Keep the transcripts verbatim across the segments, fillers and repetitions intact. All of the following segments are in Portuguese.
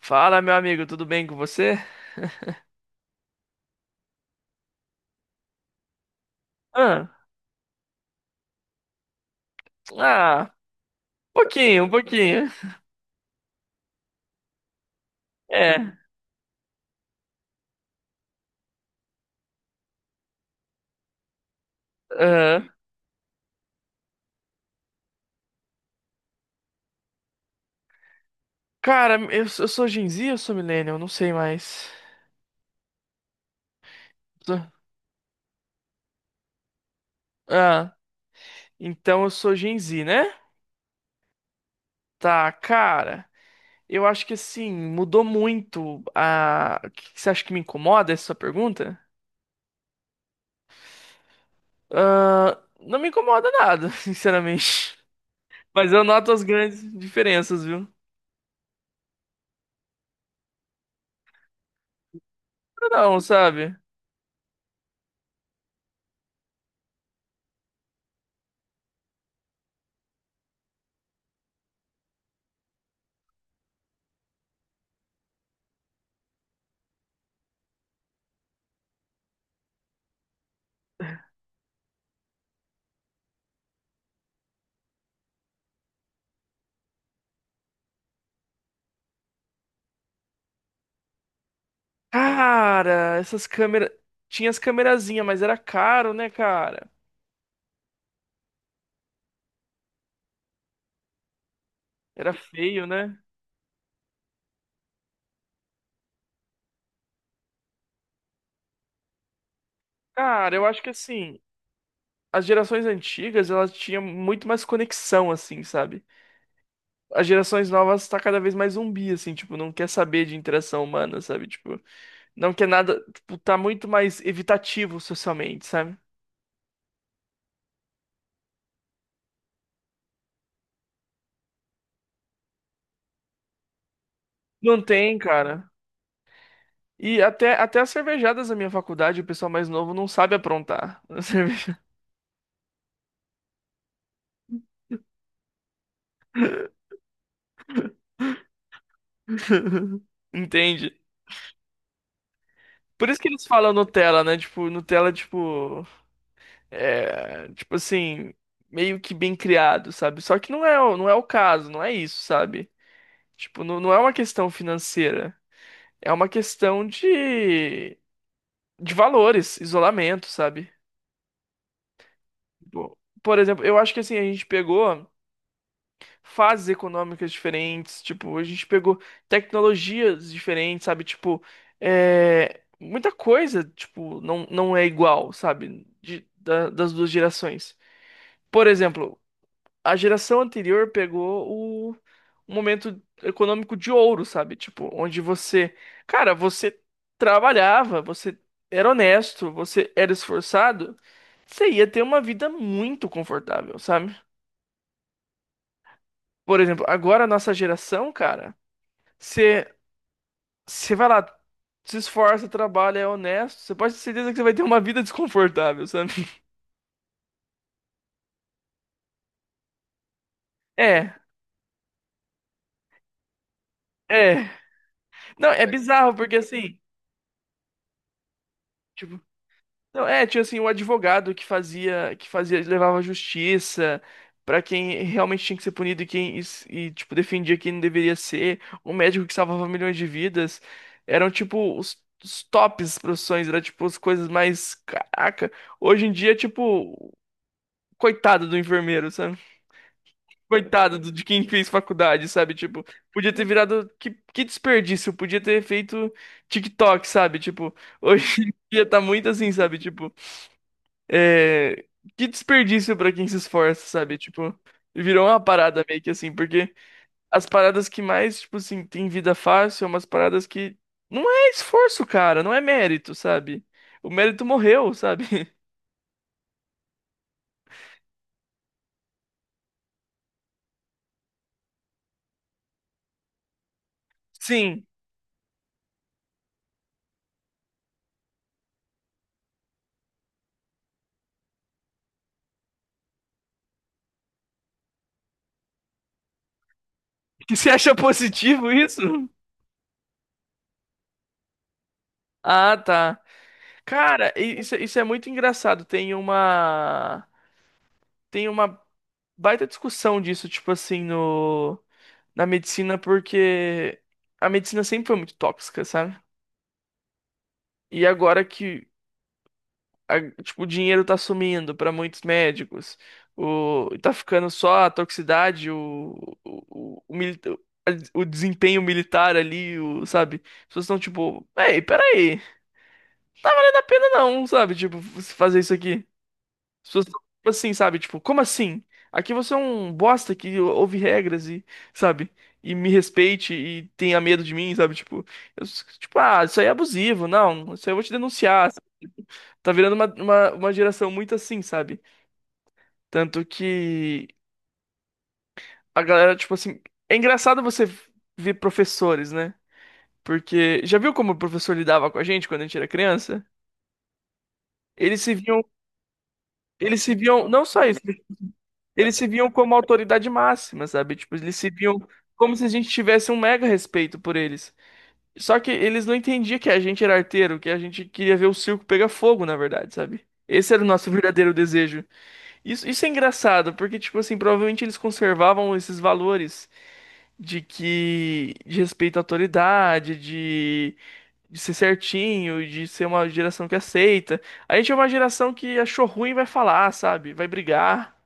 Fala, meu amigo, tudo bem com você? Ah, ah, pouquinho, um pouquinho. É, aham. Cara, eu, sou- eu sou Gen Z, eu sou Millennial, não sei mais. Sou- Ah, então eu sou Gen Z, né? Tá, cara, eu acho que assim, mudou muito a... O que que você acha que me incomoda essa sua pergunta? Ah, não me incomoda nada, sinceramente. Mas eu noto as grandes diferenças, viu? Não, sabe? Cara, essas câmeras. Tinha as câmerazinhas, mas era caro, né, cara? Era feio, né? Cara, eu acho que assim, as gerações antigas, elas tinham muito mais conexão, assim, sabe? As gerações novas tá cada vez mais zumbi, assim, tipo, não quer saber de interação humana, sabe? Tipo, não quer nada, tipo, tá muito mais evitativo socialmente, sabe? Não tem, cara. E até, até as cervejadas da minha faculdade, o pessoal mais novo não sabe aprontar. A cerveja. Entende? Por isso que eles falam Nutella, né? Tipo, Nutella, tipo, é, tipo assim, meio que bem criado, sabe? Só que não é, o- não é o caso, não é isso, sabe? Tipo, não, não é uma questão financeira, é uma questão de, de valores, isolamento, sabe? Bom, por exemplo, eu acho que assim, a gente pegou. Fases econômicas diferentes, tipo, a gente pegou tecnologias diferentes, sabe? Tipo, é, muita coisa, tipo, não, não é igual, sabe? De- da- das duas gerações. Por exemplo, a geração anterior pegou o, o momento econômico de ouro, sabe? Tipo, onde você, cara, você trabalhava, você era honesto, você era esforçado, você ia ter uma vida muito confortável, sabe? Por exemplo, agora a nossa geração, cara. Você, você vai lá, se esforça, trabalha, é honesto. Você pode ter certeza que você vai ter uma vida desconfortável, sabe? É, é. Não, é bizarro, porque assim, tipo, não, é, tinha assim, o advogado que fazia, que fazia, levava justiça pra quem realmente tinha que ser punido e quem, e, e, tipo, defendia quem não deveria ser. O médico que salvava milhões de vidas. Eram, tipo, os, os tops profissões, era, tipo, as coisas mais, caraca. Hoje em dia, tipo, coitado do enfermeiro, sabe? Coitado do- de quem fez faculdade, sabe? Tipo, podia ter virado. Que, que desperdício, podia ter feito TikTok, sabe? Tipo, hoje em dia tá muito assim, sabe? Tipo, é, que desperdício pra quem se esforça, sabe? Tipo, virou uma parada meio que assim, porque as paradas que mais, tipo assim, tem vida fácil são umas paradas que não é esforço, cara, não é mérito, sabe? O mérito morreu, sabe? Sim. E você acha positivo isso? Ah, tá. Cara, i- isso, isso é muito engraçado. Tem uma tem uma baita discussão disso, tipo assim, no na medicina, porque a medicina sempre foi muito tóxica, sabe? E agora que a- tipo, o dinheiro tá sumindo pra muitos médicos, o tá ficando só a toxicidade, o o, o, o mili- o desempenho militar ali, o, sabe? As pessoas estão tipo, ei, peraí, não é pena não, sabe? Tipo, você fazer isso aqui. As pessoas tão, tipo assim, sabe? Tipo, como assim? Aqui você é um bosta que ouve regras e, sabe? E me respeite e tenha medo de mim, sabe? Tipo, eu s- tipo, ah, isso aí é abusivo. Não, isso aí eu vou te denunciar. Tá virando uma, uma, uma geração muito assim, sabe? Tanto que a galera, tipo assim. É engraçado você ver professores, né? Porque já viu como o professor lidava com a gente quando a gente era criança? Eles se viam. Eles se viam. Não só isso. Eles se viam como autoridade máxima, sabe? Tipo, eles se viam como se a gente tivesse um mega respeito por eles. Só que eles não entendiam que a gente era arteiro, que a gente queria ver o circo pegar fogo, na verdade, sabe? Esse era o nosso verdadeiro desejo. Isso, isso é engraçado, porque, tipo assim, provavelmente eles conservavam esses valores de que, de respeito à autoridade, de, de ser certinho, de ser uma geração que aceita. A gente é uma geração que achou ruim e vai falar, sabe? Vai brigar.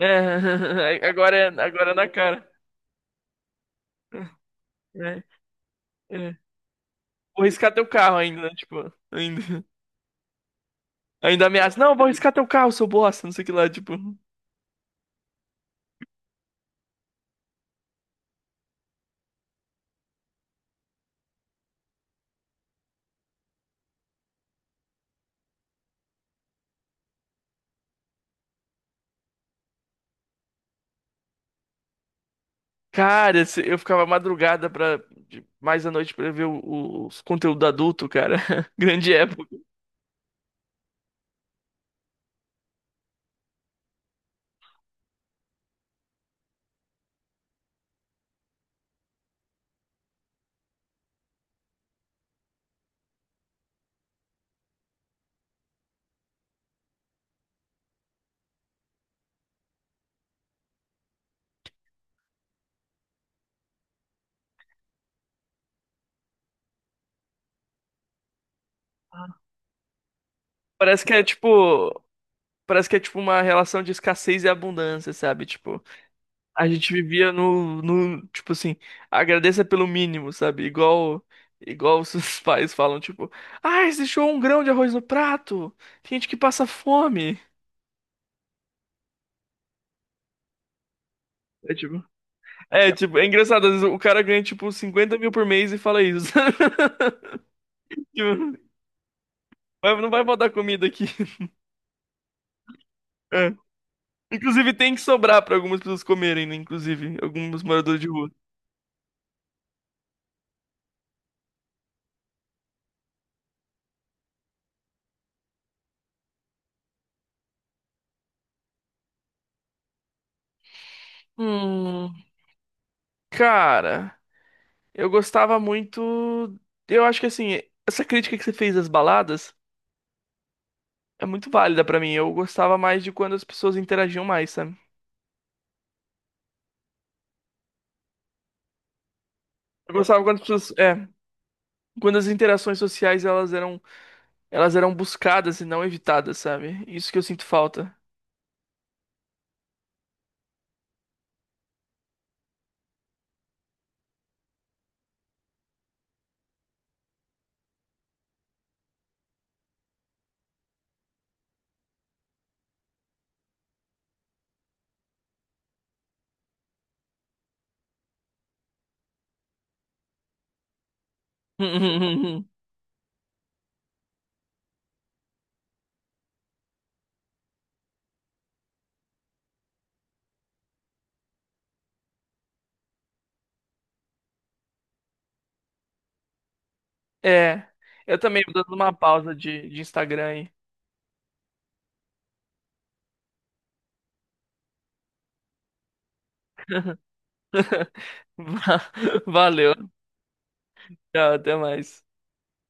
É, agora é, agora é na cara. É, é. Vou riscar teu carro ainda, né? Tipo, ainda, ainda ameaça. Não, vou riscar teu carro, seu bosta, não sei o que lá, tipo. Cara, se- eu ficava madrugada pra, de- mais à noite pra ver o, o- os conteúdo adulto, cara. Grande época. Parece que é tipo, parece que é tipo uma relação de escassez e abundância, sabe? Tipo, a gente vivia no, no, tipo assim, agradeça pelo mínimo, sabe? Igual, igual os seus pais falam, tipo, ah, deixou um grão de arroz no prato, tem gente que passa fome. É tipo, é tipo, é engraçado, às vezes o cara ganha tipo cinquenta mil por mês e fala isso. Tipo, "Mas não vai faltar comida aqui. É. Inclusive tem que sobrar pra algumas pessoas comerem, né? Inclusive, alguns moradores de rua. Hum, cara, eu gostava muito. Eu acho que assim, essa crítica que você fez das baladas. É muito válida pra mim. Eu gostava mais de quando as pessoas interagiam mais, sabe? Eu gostava quando as pessoas, é, quando as interações sociais elas eram, elas eram buscadas e não evitadas, sabe? Isso que eu sinto falta. É, eu também vou dando uma pausa de, de Instagram aí. Va- Valeu, tchau, até mais.